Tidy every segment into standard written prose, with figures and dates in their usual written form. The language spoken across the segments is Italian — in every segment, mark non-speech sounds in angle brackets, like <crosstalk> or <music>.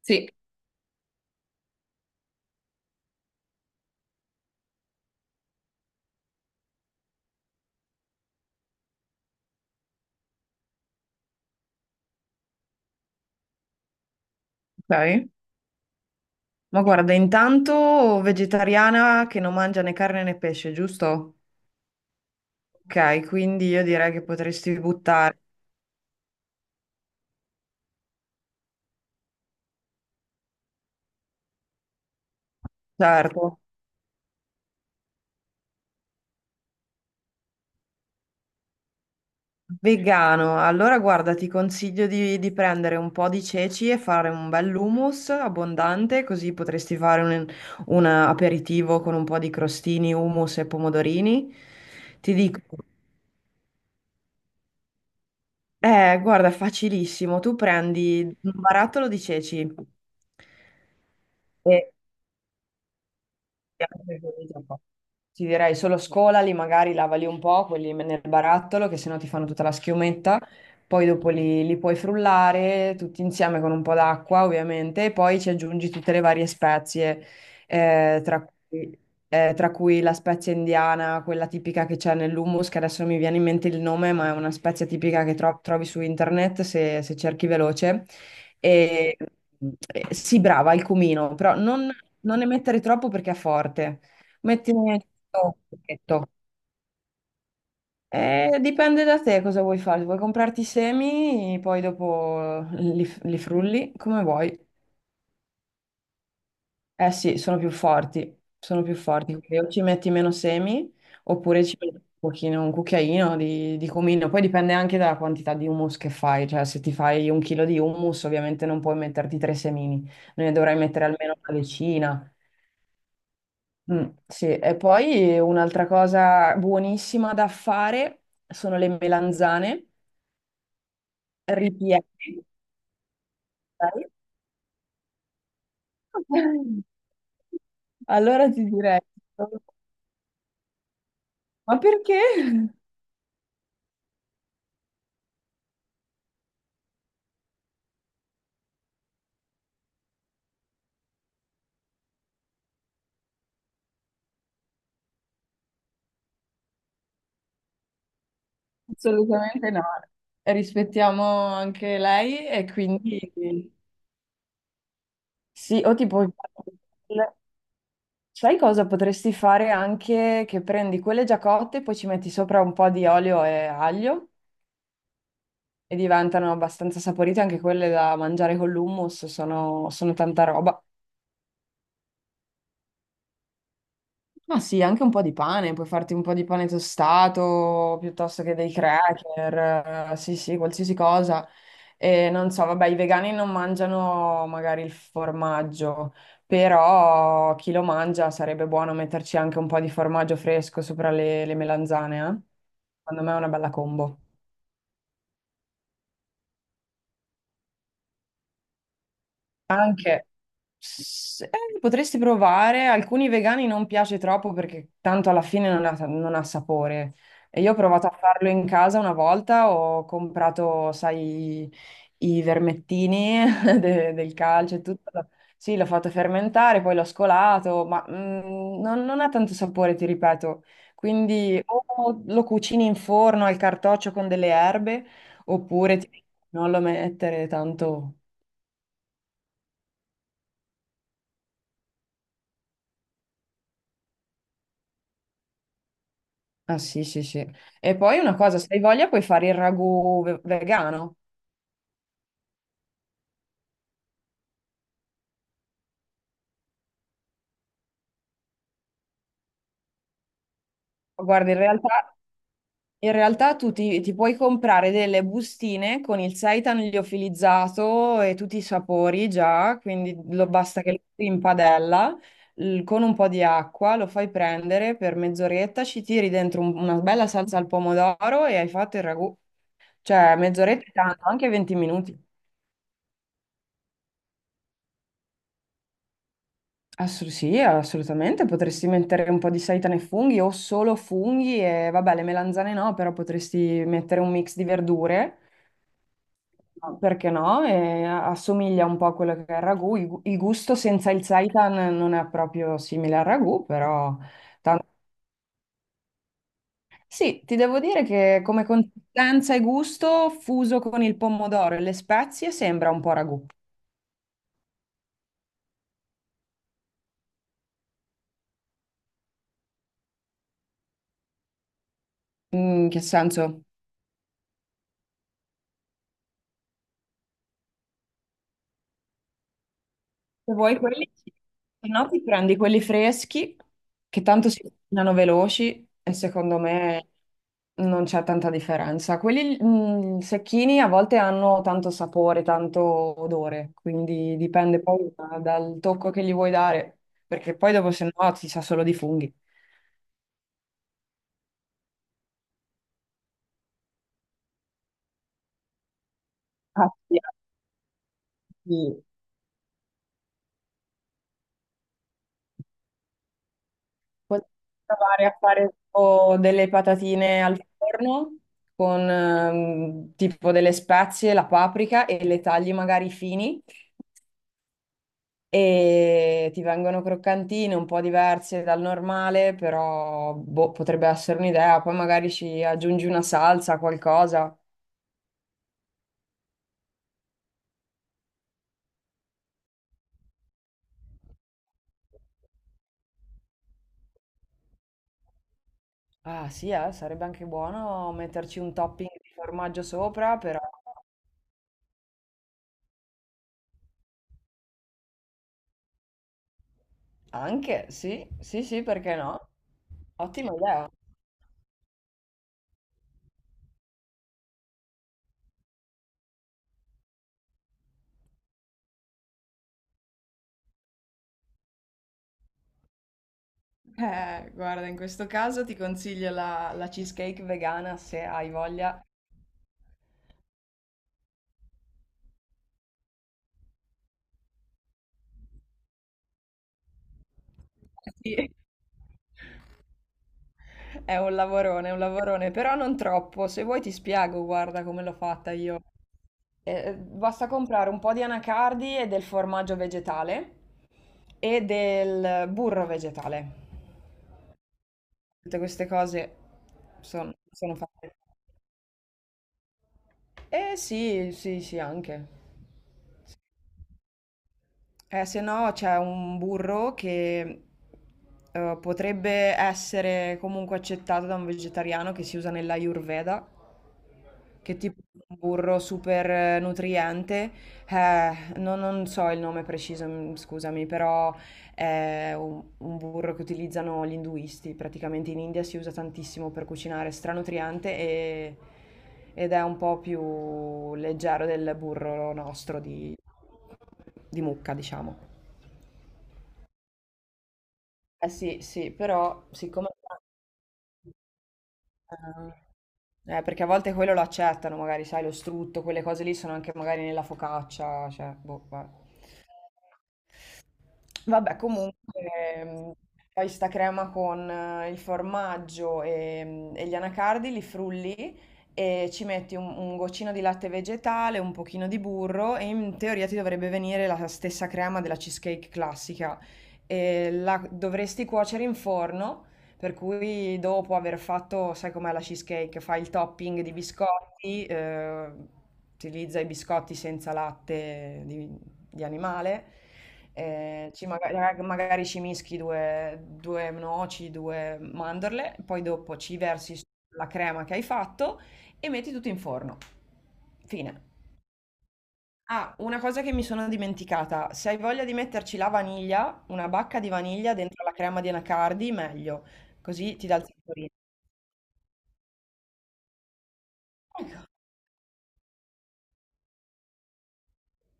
Sì, ok. Ma guarda, intanto vegetariana che non mangia né carne né pesce, giusto? Ok, quindi io direi che potresti buttare, certo. Vegano, allora guarda, ti consiglio di prendere un po' di ceci e fare un bel hummus abbondante, così potresti fare un aperitivo con un po' di crostini, hummus e pomodorini. Ti dico, guarda, è facilissimo, tu prendi un barattolo di ceci. E ti direi solo scolali, magari lavali un po', quelli nel barattolo, che sennò ti fanno tutta la schiumetta. Poi dopo li puoi frullare tutti insieme con un po' d'acqua, ovviamente, e poi ci aggiungi tutte le varie spezie, eh, tra cui, tra cui la spezia indiana, quella tipica che c'è nell'hummus, che adesso non mi viene in mente il nome, ma è una spezia tipica che trovi su internet se cerchi veloce. E, sì, brava, il cumino, però non ne mettere troppo perché è forte. Mettine il pacchetto. Dipende da te cosa vuoi fare. Vuoi comprarti i semi, poi dopo li frulli come vuoi. Eh sì, sono più forti, sono più forti. Quindi o ci metti meno semi, oppure ci metti un pochino, un cucchiaino di cumino. Poi dipende anche dalla quantità di hummus che fai. Cioè, se ti fai un chilo di hummus, ovviamente non puoi metterti tre semini, ne dovrai mettere almeno una decina. Mm, sì, e poi un'altra cosa buonissima da fare sono le melanzane ripiene. Sai? <laughs> Allora ti direi, ma perché? Assolutamente no. Rispettiamo anche lei, e quindi sì, o tipo, sai cosa potresti fare anche che prendi quelle già cotte, poi ci metti sopra un po' di olio e aglio e diventano abbastanza saporite anche quelle da mangiare con l'hummus, sono tanta roba. Ma sì, anche un po' di pane, puoi farti un po' di pane tostato piuttosto che dei cracker, sì, sì, qualsiasi cosa. E non so, vabbè, i vegani non mangiano magari il formaggio, però chi lo mangia sarebbe buono metterci anche un po' di formaggio fresco sopra le melanzane, eh? Secondo me è una bella combo. Anche, potresti provare, alcuni vegani non piace troppo perché tanto alla fine non ha sapore. E io ho provato a farlo in casa una volta, ho comprato, sai, i vermettini <laughs> del calcio e tutto. Sì, l'ho fatto fermentare, poi l'ho scolato, ma non ha tanto sapore, ti ripeto. Quindi o lo cucini in forno al cartoccio con delle erbe, oppure non lo mettere tanto. Ah sì, sì, sì. E poi una cosa, se hai voglia puoi fare il ragù vegano. Guarda, in realtà tu ti puoi comprare delle bustine con il seitan liofilizzato e tutti i sapori già, quindi basta che lo metti in padella con un po' di acqua, lo fai prendere per mezz'oretta, ci tiri dentro una bella salsa al pomodoro e hai fatto il ragù. Cioè, mezz'oretta è tanto, anche 20 minuti. Sì, assolutamente, potresti mettere un po' di seitane e funghi o solo funghi e vabbè, le melanzane no, però potresti mettere un mix di verdure, no, perché no? E assomiglia un po' a quello che è il ragù. Il gusto senza il seitan non è proprio simile al ragù, però tan- sì, ti devo dire che come consistenza e gusto, fuso con il pomodoro e le spezie, sembra un po' ragù. In che senso? Se vuoi quelli, se no ti prendi quelli freschi, che tanto si cucinano veloci e secondo me non c'è tanta differenza. Quelli secchini a volte hanno tanto sapore, tanto odore, quindi dipende poi dal tocco che gli vuoi dare, perché poi dopo se no ti sa solo di funghi. Ah, sì, potrei provare a fare tipo delle patatine al forno con tipo delle spezie, la paprika e le tagli magari fini e ti vengono croccantine un po' diverse dal normale, però boh, potrebbe essere un'idea. Poi magari ci aggiungi una salsa, qualcosa. Ah sì, sarebbe anche buono metterci un topping di formaggio sopra, però anche sì, sì, sì, perché no? Ottima idea. Guarda, in questo caso ti consiglio la cheesecake vegana se hai voglia. Sì. È un lavorone, però non troppo. Se vuoi ti spiego, guarda come l'ho fatta io. Basta comprare un po' di anacardi e del formaggio vegetale e del burro vegetale. Tutte queste cose sono fatte. Eh sì, sì, sì, anche. Se no c'è un burro che potrebbe essere comunque accettato da un vegetariano che si usa nell'Ayurveda, che è tipo un burro super nutriente. Eh, non so il nome preciso, scusami, però è un burro che utilizzano gli induisti. Praticamente in India si usa tantissimo per cucinare, stranutriente ed è un po' più leggero del burro nostro di mucca, diciamo. Eh sì, sì, però siccome. Eh, perché a volte quello lo accettano, magari, sai, lo strutto, quelle cose lì sono anche magari nella focaccia, cioè, boh, vabbè. Vabbè, comunque ehm, fai sta crema con il formaggio e gli anacardi, li frulli e ci metti un goccino di latte vegetale, un pochino di burro e in teoria ti dovrebbe venire la stessa crema della cheesecake classica. E la dovresti cuocere in forno, per cui dopo aver fatto, sai com'è la cheesecake, fai il topping di biscotti, utilizza i biscotti senza latte di animale, magari, ci mischi due noci, due mandorle, poi dopo ci versi la crema che hai fatto e metti tutto in forno. Fine. Ah, una cosa che mi sono dimenticata, se hai voglia di metterci la vaniglia, una bacca di vaniglia dentro la crema di anacardi, meglio, così ti dà il saporino.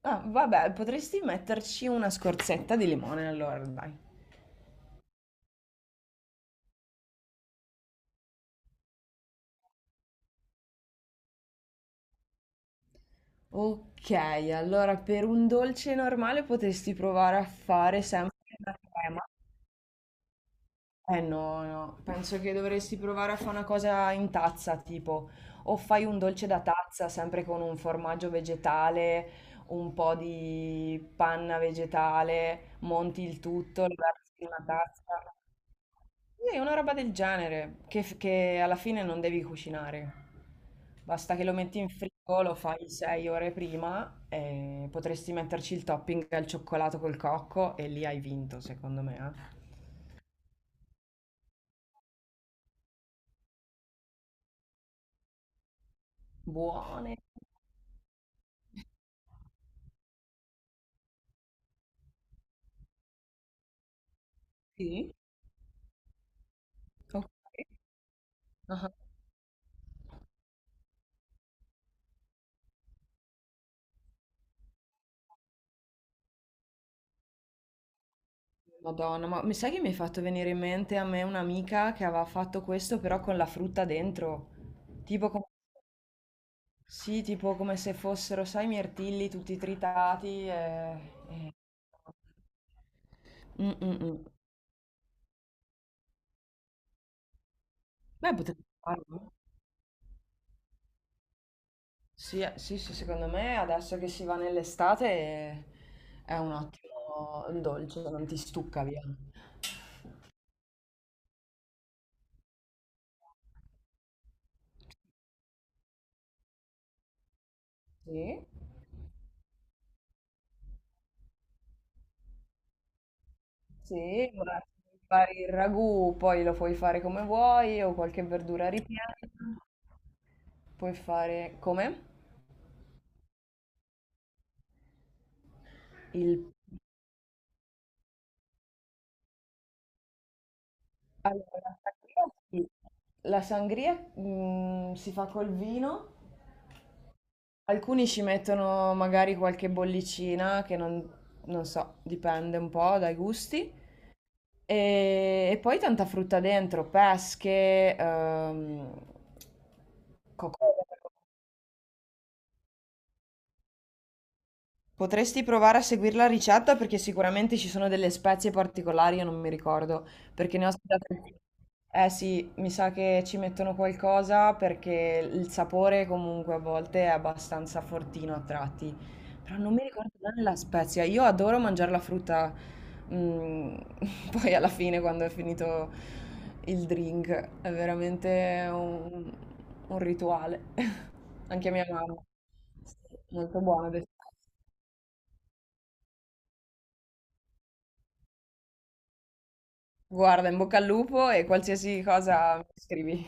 Ah, vabbè, potresti metterci una scorzetta di limone allora, dai. Ok, allora per un dolce normale potresti provare a fare sempre la crema. Eh no, no, penso che dovresti provare a fare una cosa in tazza, tipo, o fai un dolce da tazza, sempre con un formaggio vegetale, un po' di panna vegetale, monti il tutto, lo versi in una tazza. Sì, una roba del genere, che alla fine non devi cucinare. Basta che lo metti in frigo, lo fai 6 ore prima e potresti metterci il topping al cioccolato col cocco e lì hai vinto, secondo me. Eh. Buone! Sì, ok. Ah. Madonna, ma mi sai che mi hai fatto venire in mente a me un'amica che aveva fatto questo però con la frutta dentro? Tipo come, sì, tipo come se fossero, sai, i mirtilli tutti tritati e- Mm, mm, mm. Beh, potrebbe farlo. Sì, sì, sì, secondo me adesso che si va nell'estate è un ottimo dolce, non ti stucca via. Sì? Sì, guarda, fai il ragù, poi lo puoi fare come vuoi o qualche verdura ripiena. Puoi fare come? Il. Allora, la sangria, sì. La sangria, si fa col vino. Alcuni ci mettono magari qualche bollicina che non so, dipende un po' dai gusti. E poi tanta frutta dentro, pesche, cocomero. Potresti provare a seguire la ricetta perché sicuramente ci sono delle spezie particolari, io non mi ricordo, perché ne ho assaggiate. Eh sì, mi sa che ci mettono qualcosa perché il sapore comunque a volte è abbastanza fortino a tratti, però non mi ricordo bene la spezia. Io adoro mangiare la frutta, mm, <laughs> poi alla fine quando è finito il drink, è veramente un rituale. <laughs> Anche mia mamma, sì, molto buona. Guarda, in bocca al lupo e qualsiasi cosa mi scrivi.